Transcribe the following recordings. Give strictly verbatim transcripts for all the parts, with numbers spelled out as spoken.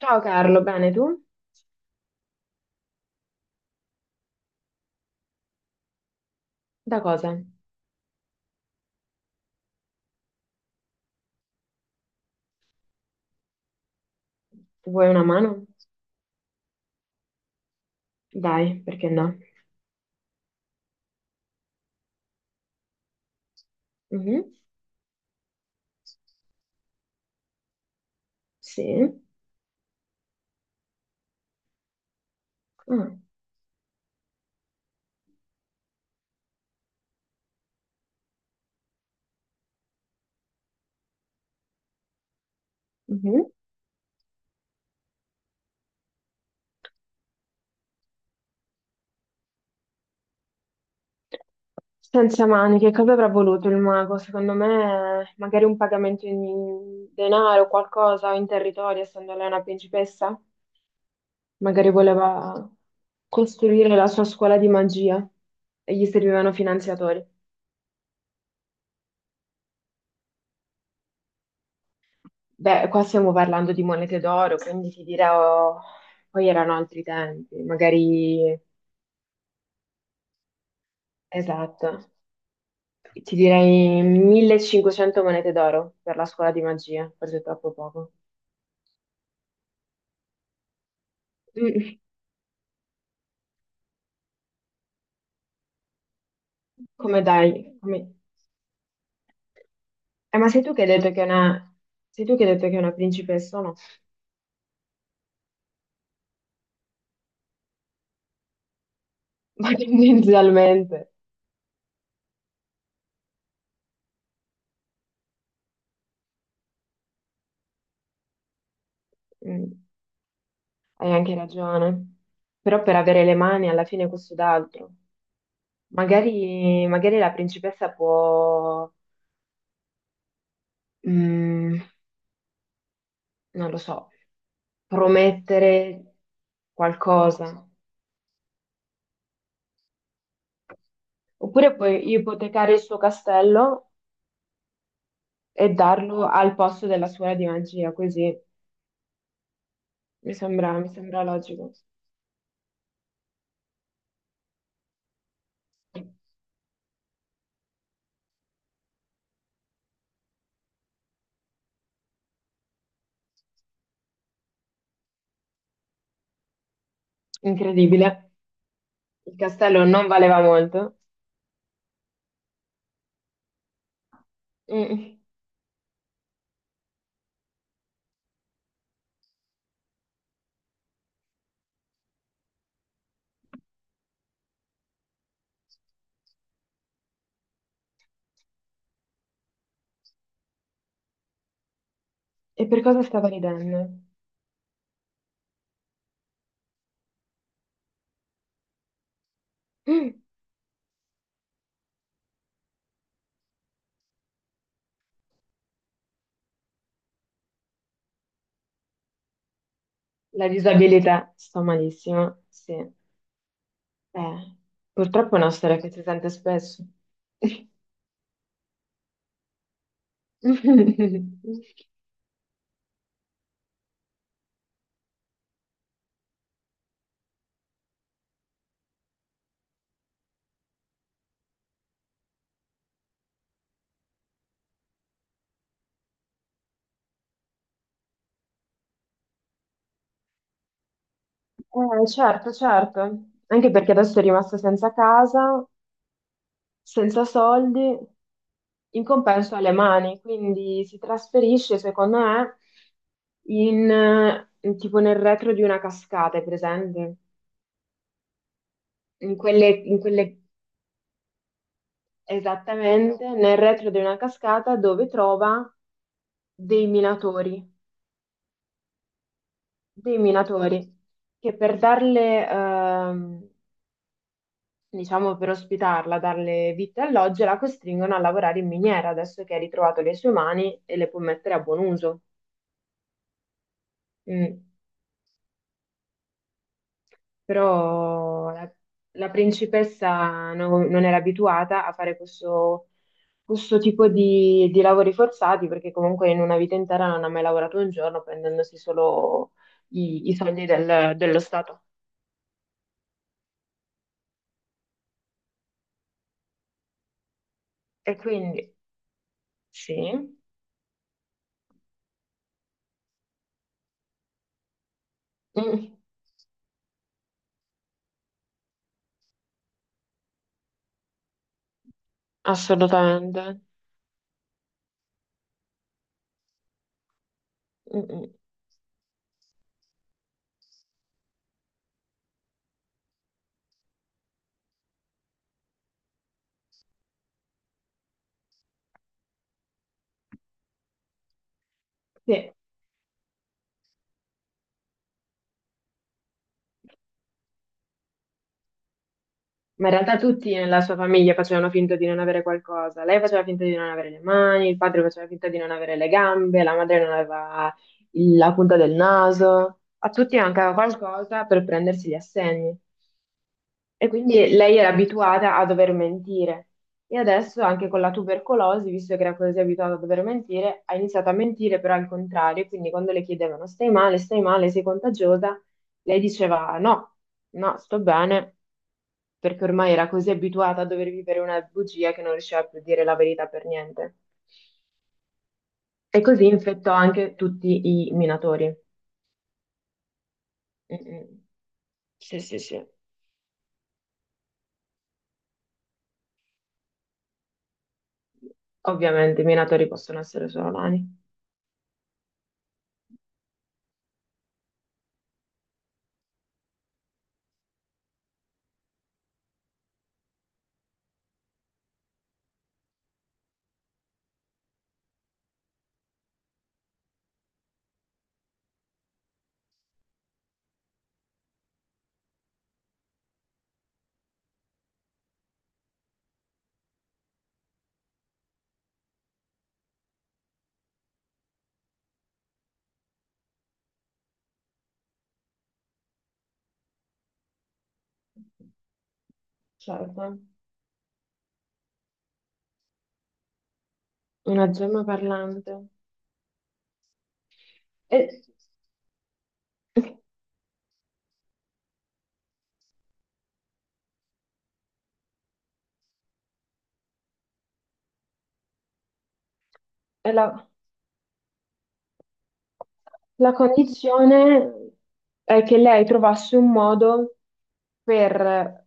Ciao Carlo, bene tu? Da cosa? Vuoi una mano? Dai, perché no? Mhm. Sì. Ah, mhm. Senza mani, che cosa avrà voluto il mago? Secondo me, magari un pagamento in denaro, qualcosa, o in territorio, essendo lei una principessa? Magari voleva costruire la sua scuola di magia e gli servivano finanziatori. Beh, qua stiamo parlando di monete d'oro, quindi ti dirò, poi erano altri tempi, magari esatto. Ti direi millecinquecento monete d'oro per la scuola di magia, forse è troppo poco. Mm. Come dai? Come- Eh, ma sei tu che hai detto che è una... sei tu che hai detto che è una principessa, o no? Ma tendenzialmente. Mm. Hai anche ragione. Però per avere le mani alla fine questo d'altro. Magari, magari la principessa può, mm, non lo so, promettere qualcosa. Oppure puoi ipotecare il suo castello e darlo al posto della scuola di magia, così mi sembra, mi sembra logico. Incredibile. Il castello non valeva molto. Mm. E per cosa stava ridendo? Mm. La disabilità. Sto malissimo. Sì. Eh, purtroppo è una storia che si sente spesso. Eh, certo, certo. Anche perché adesso è rimasta senza casa, senza soldi, in compenso alle mani, quindi si trasferisce, secondo me, in, eh, tipo nel retro di una cascata, è presente? In quelle, in quelle- esattamente, nel retro di una cascata dove trova dei minatori, dei minatori che per darle, ehm, diciamo, per ospitarla, darle vite e alloggio, la costringono a lavorare in miniera, adesso che ha ritrovato le sue mani e le può mettere a buon uso. Mm. Però la, la principessa no- non era abituata a fare questo, questo tipo di, di lavori forzati, perché comunque in una vita intera non ha mai lavorato un giorno, prendendosi solo i, i soldi del- dello Stato. E quindi sì. Mm, assolutamente. Mm, mm. Sì. Ma in realtà tutti nella sua famiglia facevano finta di non avere qualcosa. Lei faceva finta di non avere le mani, il padre faceva finta di non avere le gambe, la madre non aveva il- la punta del naso. A tutti mancava qualcosa per prendersi gli assegni. E quindi lei era abituata a dover mentire. E adesso anche con la tubercolosi, visto che era così abituata a dover mentire, ha iniziato a mentire però al contrario. Quindi quando le chiedevano stai male, stai male, sei contagiosa, lei diceva no, no, sto bene perché ormai era così abituata a dover vivere una bugia che non riusciva più a dire la verità per niente. E così infettò anche tutti i minatori. Mm, mm. Sì, sì, sì. Ovviamente i minatori possono essere solo nani. Certo. Una gemma parlante. E, e la... La condizione è che lei trovasse un modo per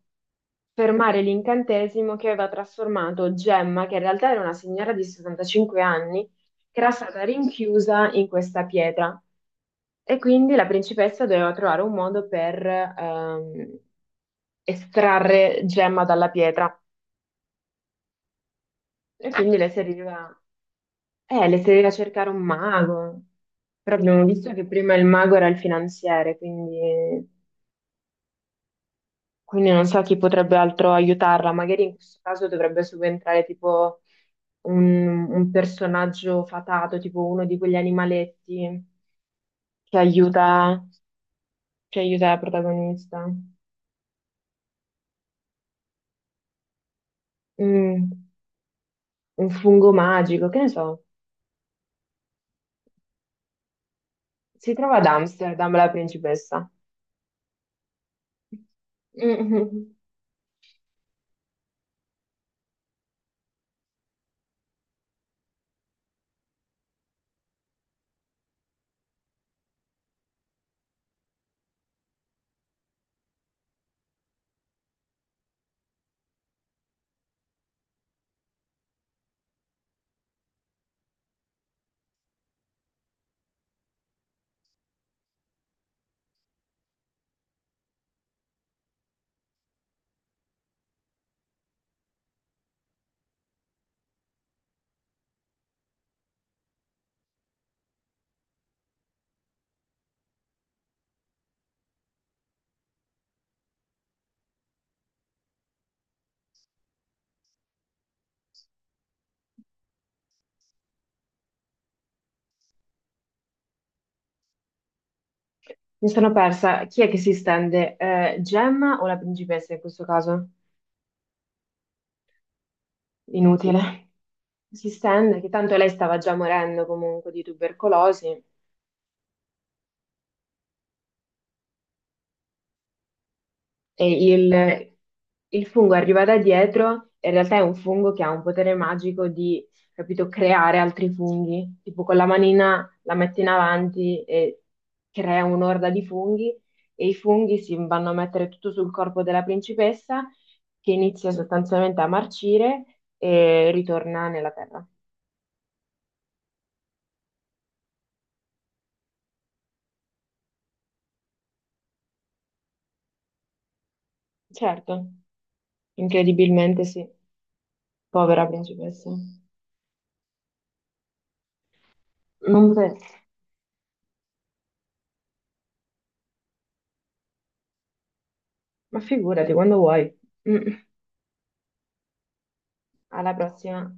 fermare l'incantesimo che aveva trasformato Gemma, che in realtà era una signora di settantacinque anni, che era stata rinchiusa in questa pietra. E quindi la principessa doveva trovare un modo per ehm, estrarre Gemma dalla pietra. E quindi le serviva, eh, le serviva cercare un mago. Però abbiamo visto che prima il mago era il finanziere, quindi quindi non so chi potrebbe altro aiutarla, magari in questo caso dovrebbe subentrare tipo un, un personaggio fatato, tipo uno di quegli animaletti che aiuta, che aiuta la protagonista. Mm, un fungo magico, che ne so. Si trova ad Amsterdam la principessa. Mm. Mi sono persa. Chi è che si stende? Eh, Gemma o la principessa in questo caso? Inutile. Si stende, che tanto lei stava già morendo comunque di tubercolosi. E il, il fungo arriva da dietro, e in realtà è un fungo che ha un potere magico di, capito, creare altri funghi. Tipo con la manina la metti in avanti e crea un'orda di funghi e i funghi si vanno a mettere tutto sul corpo della principessa che inizia sostanzialmente a marcire e ritorna nella terra. Certo, incredibilmente sì. Povera principessa. Non pote- Ma figurati, quando vuoi. Mm. Alla prossima.